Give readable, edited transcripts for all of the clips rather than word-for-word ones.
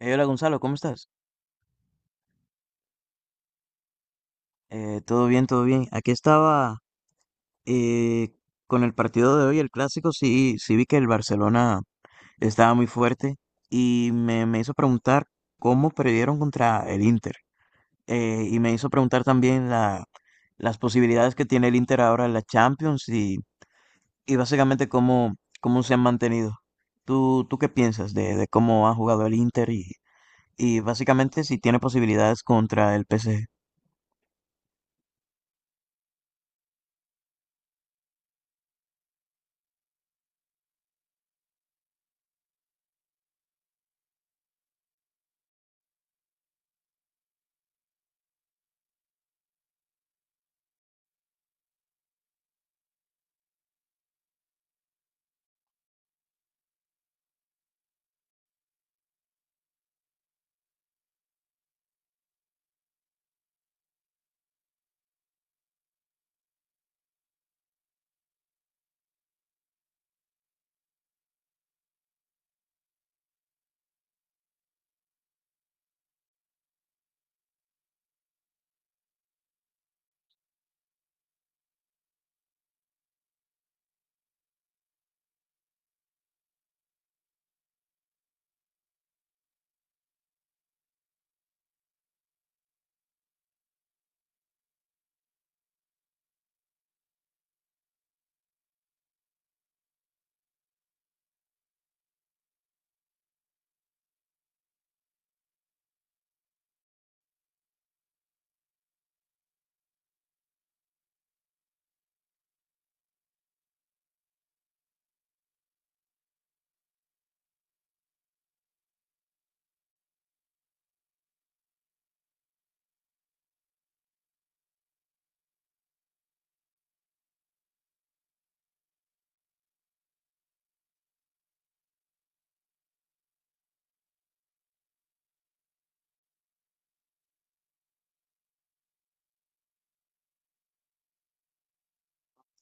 Hola, Gonzalo, ¿cómo estás? Todo bien, todo bien. Aquí estaba eh, con el partido de hoy, el clásico. Sí, sí vi que el Barcelona estaba muy fuerte y me hizo preguntar cómo perdieron contra el Inter. Y me hizo preguntar también las posibilidades que tiene el Inter ahora en la Champions, y básicamente cómo se han mantenido. ¿Tú qué piensas de cómo ha jugado el Inter y básicamente si tiene posibilidades contra el PSG?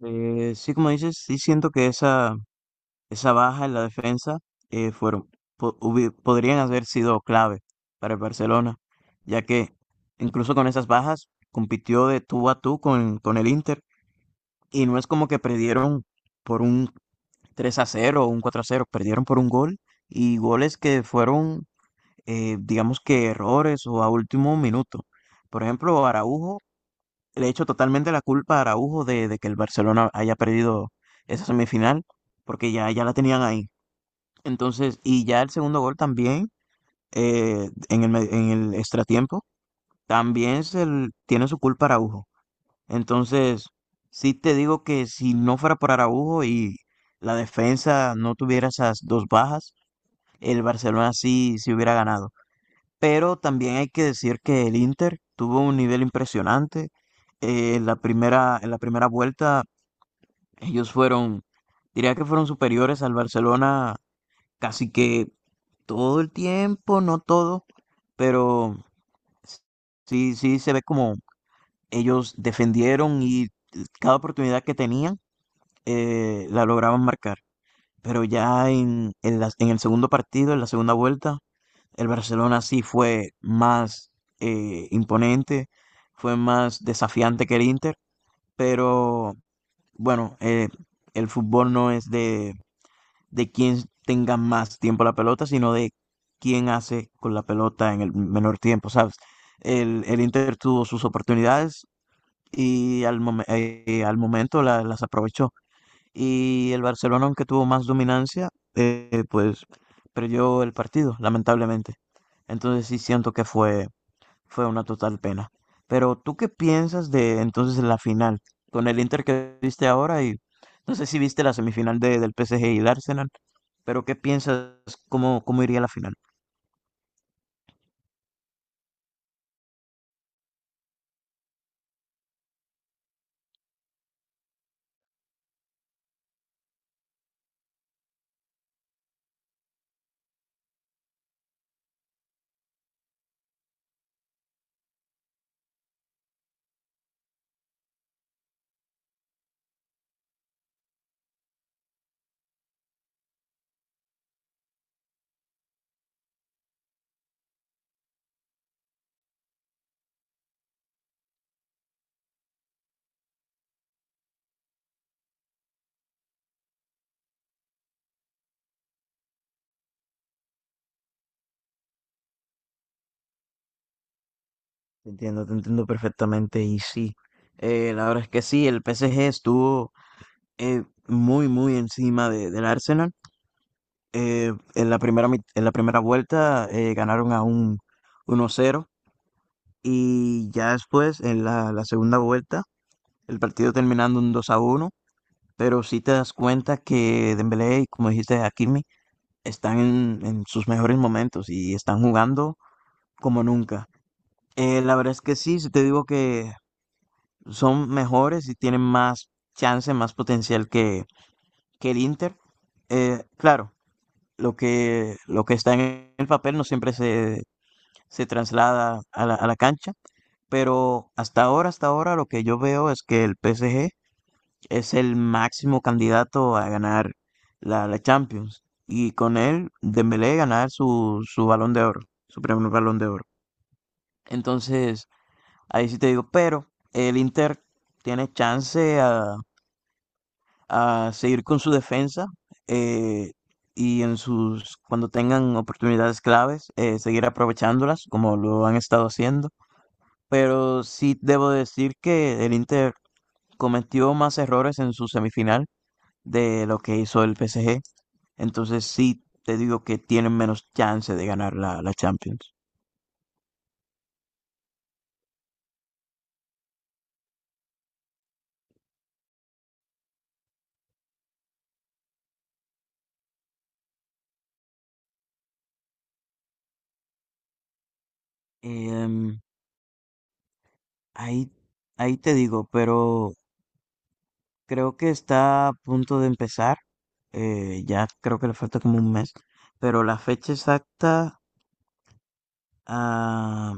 Sí, como dices, sí siento que esa baja en la defensa eh, fueron, podrían haber sido clave para el Barcelona, ya que incluso con esas bajas compitió de tú a tú con el Inter, y no es como que perdieron por un 3-0 o un 4-0; perdieron por un gol, y goles que digamos que errores o a último minuto. Por ejemplo, Araujo, le echo totalmente la culpa a Araujo de que el Barcelona haya perdido esa semifinal, porque ya la tenían ahí. Entonces, y ya el segundo gol también, en el extratiempo, también tiene su culpa Araujo. Entonces, sí te digo que si no fuera por Araujo y la defensa no tuviera esas dos bajas, el Barcelona sí hubiera ganado. Pero también hay que decir que el Inter tuvo un nivel impresionante. En la primera vuelta, ellos fueron, diría que fueron superiores al Barcelona casi que todo el tiempo, no todo, pero sí se ve como ellos defendieron, y cada oportunidad que tenían la lograban marcar. Pero ya en el segundo partido, en la segunda vuelta, el Barcelona sí fue más imponente, fue más desafiante que el Inter, pero bueno, el fútbol no es de quien tenga más tiempo la pelota, sino de quién hace con la pelota en el menor tiempo, ¿sabes? El Inter tuvo sus oportunidades y al momento las aprovechó. Y el Barcelona, aunque tuvo más dominancia, pues perdió el partido, lamentablemente. Entonces sí siento que fue una total pena. Pero ¿tú qué piensas de entonces la final? Con el Inter que viste ahora, y no sé si viste la semifinal del PSG y el Arsenal, pero ¿qué piensas cómo iría la final? Te entiendo perfectamente. Y sí, la verdad es que sí, el PSG estuvo muy encima del Arsenal. En la primera vuelta ganaron a un 1-0, y ya después, en la segunda vuelta, el partido terminando un 2-1. Pero sí te das cuenta que Dembélé y, como dijiste, Hakimi están en sus mejores momentos y están jugando como nunca. La verdad es que sí, si te digo que son mejores y tienen más chance, más potencial que el Inter. Claro, lo lo que está en el papel no siempre se traslada a a la cancha, pero hasta ahora lo que yo veo es que el PSG es el máximo candidato a ganar la Champions, y con él Dembélé ganar su balón de oro, su primer balón de oro. Entonces, ahí sí te digo, pero el Inter tiene chance a seguir con su defensa, eh, y en sus, cuando tengan oportunidades claves, seguir aprovechándolas como lo han estado haciendo. Pero sí debo decir que el Inter cometió más errores en su semifinal de lo que hizo el PSG. Entonces sí te digo que tienen menos chance de ganar la Champions. Em, ahí, Ahí te digo, pero creo que está a punto de empezar. Ya creo que le falta como un mes. Pero la fecha exacta, ah,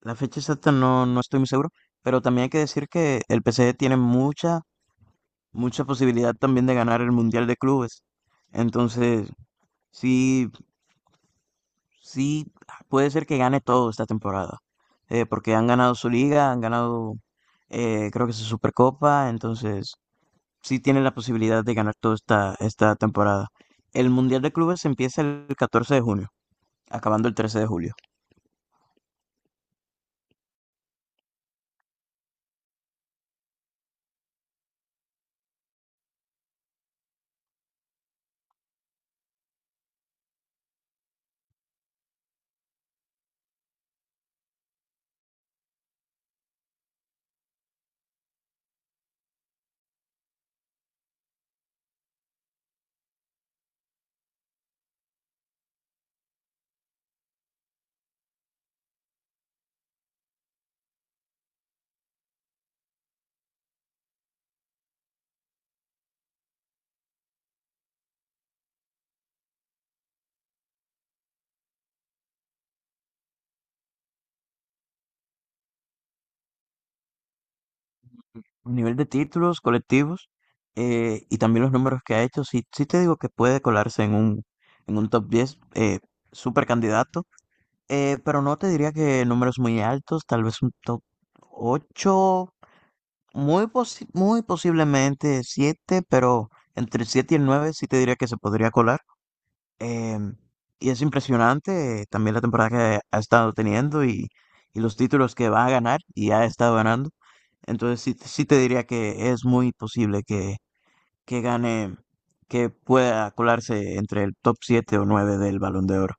la fecha exacta no estoy muy seguro. Pero también hay que decir que el PSG tiene mucha posibilidad también de ganar el Mundial de Clubes. Entonces, sí, sí, puede ser que gane todo esta temporada. Porque han ganado su liga, creo que su Supercopa. Entonces, sí tiene la posibilidad de ganar toda esta temporada. El Mundial de Clubes empieza el 14 de junio, acabando el 13 de julio. A nivel de títulos colectivos y también los números que ha hecho, sí, sí te digo que puede colarse en en un top 10, súper candidato. Pero no te diría que números muy altos, tal vez un top 8, muy posiblemente siete, pero entre el 7 y el 9 sí te diría que se podría colar. Em, y es impresionante, también la temporada que ha estado teniendo y los títulos que va a ganar y ha estado ganando. Entonces sí, sí te diría que es muy posible que gane, que pueda colarse entre el top 7 o 9 del Balón de Oro.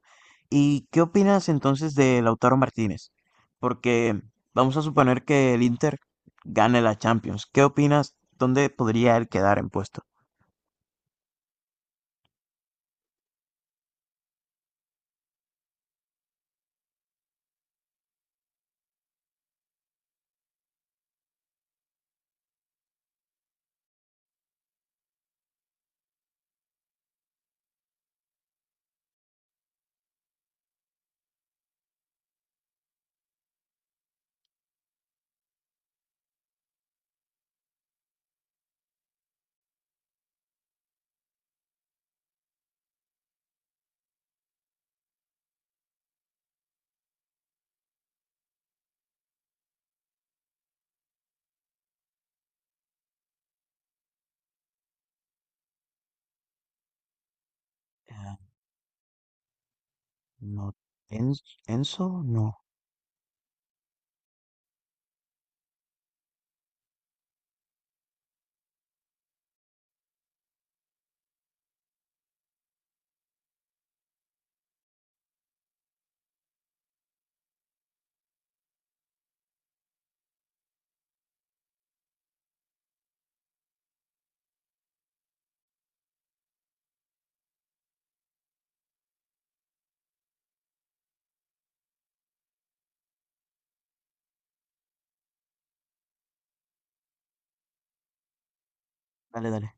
¿Y qué opinas entonces de Lautaro Martínez? Porque vamos a suponer que el Inter gane la Champions. ¿Qué opinas? ¿Dónde podría él quedar en puesto? Eh, No, en- Enzo, no. Dale, dale.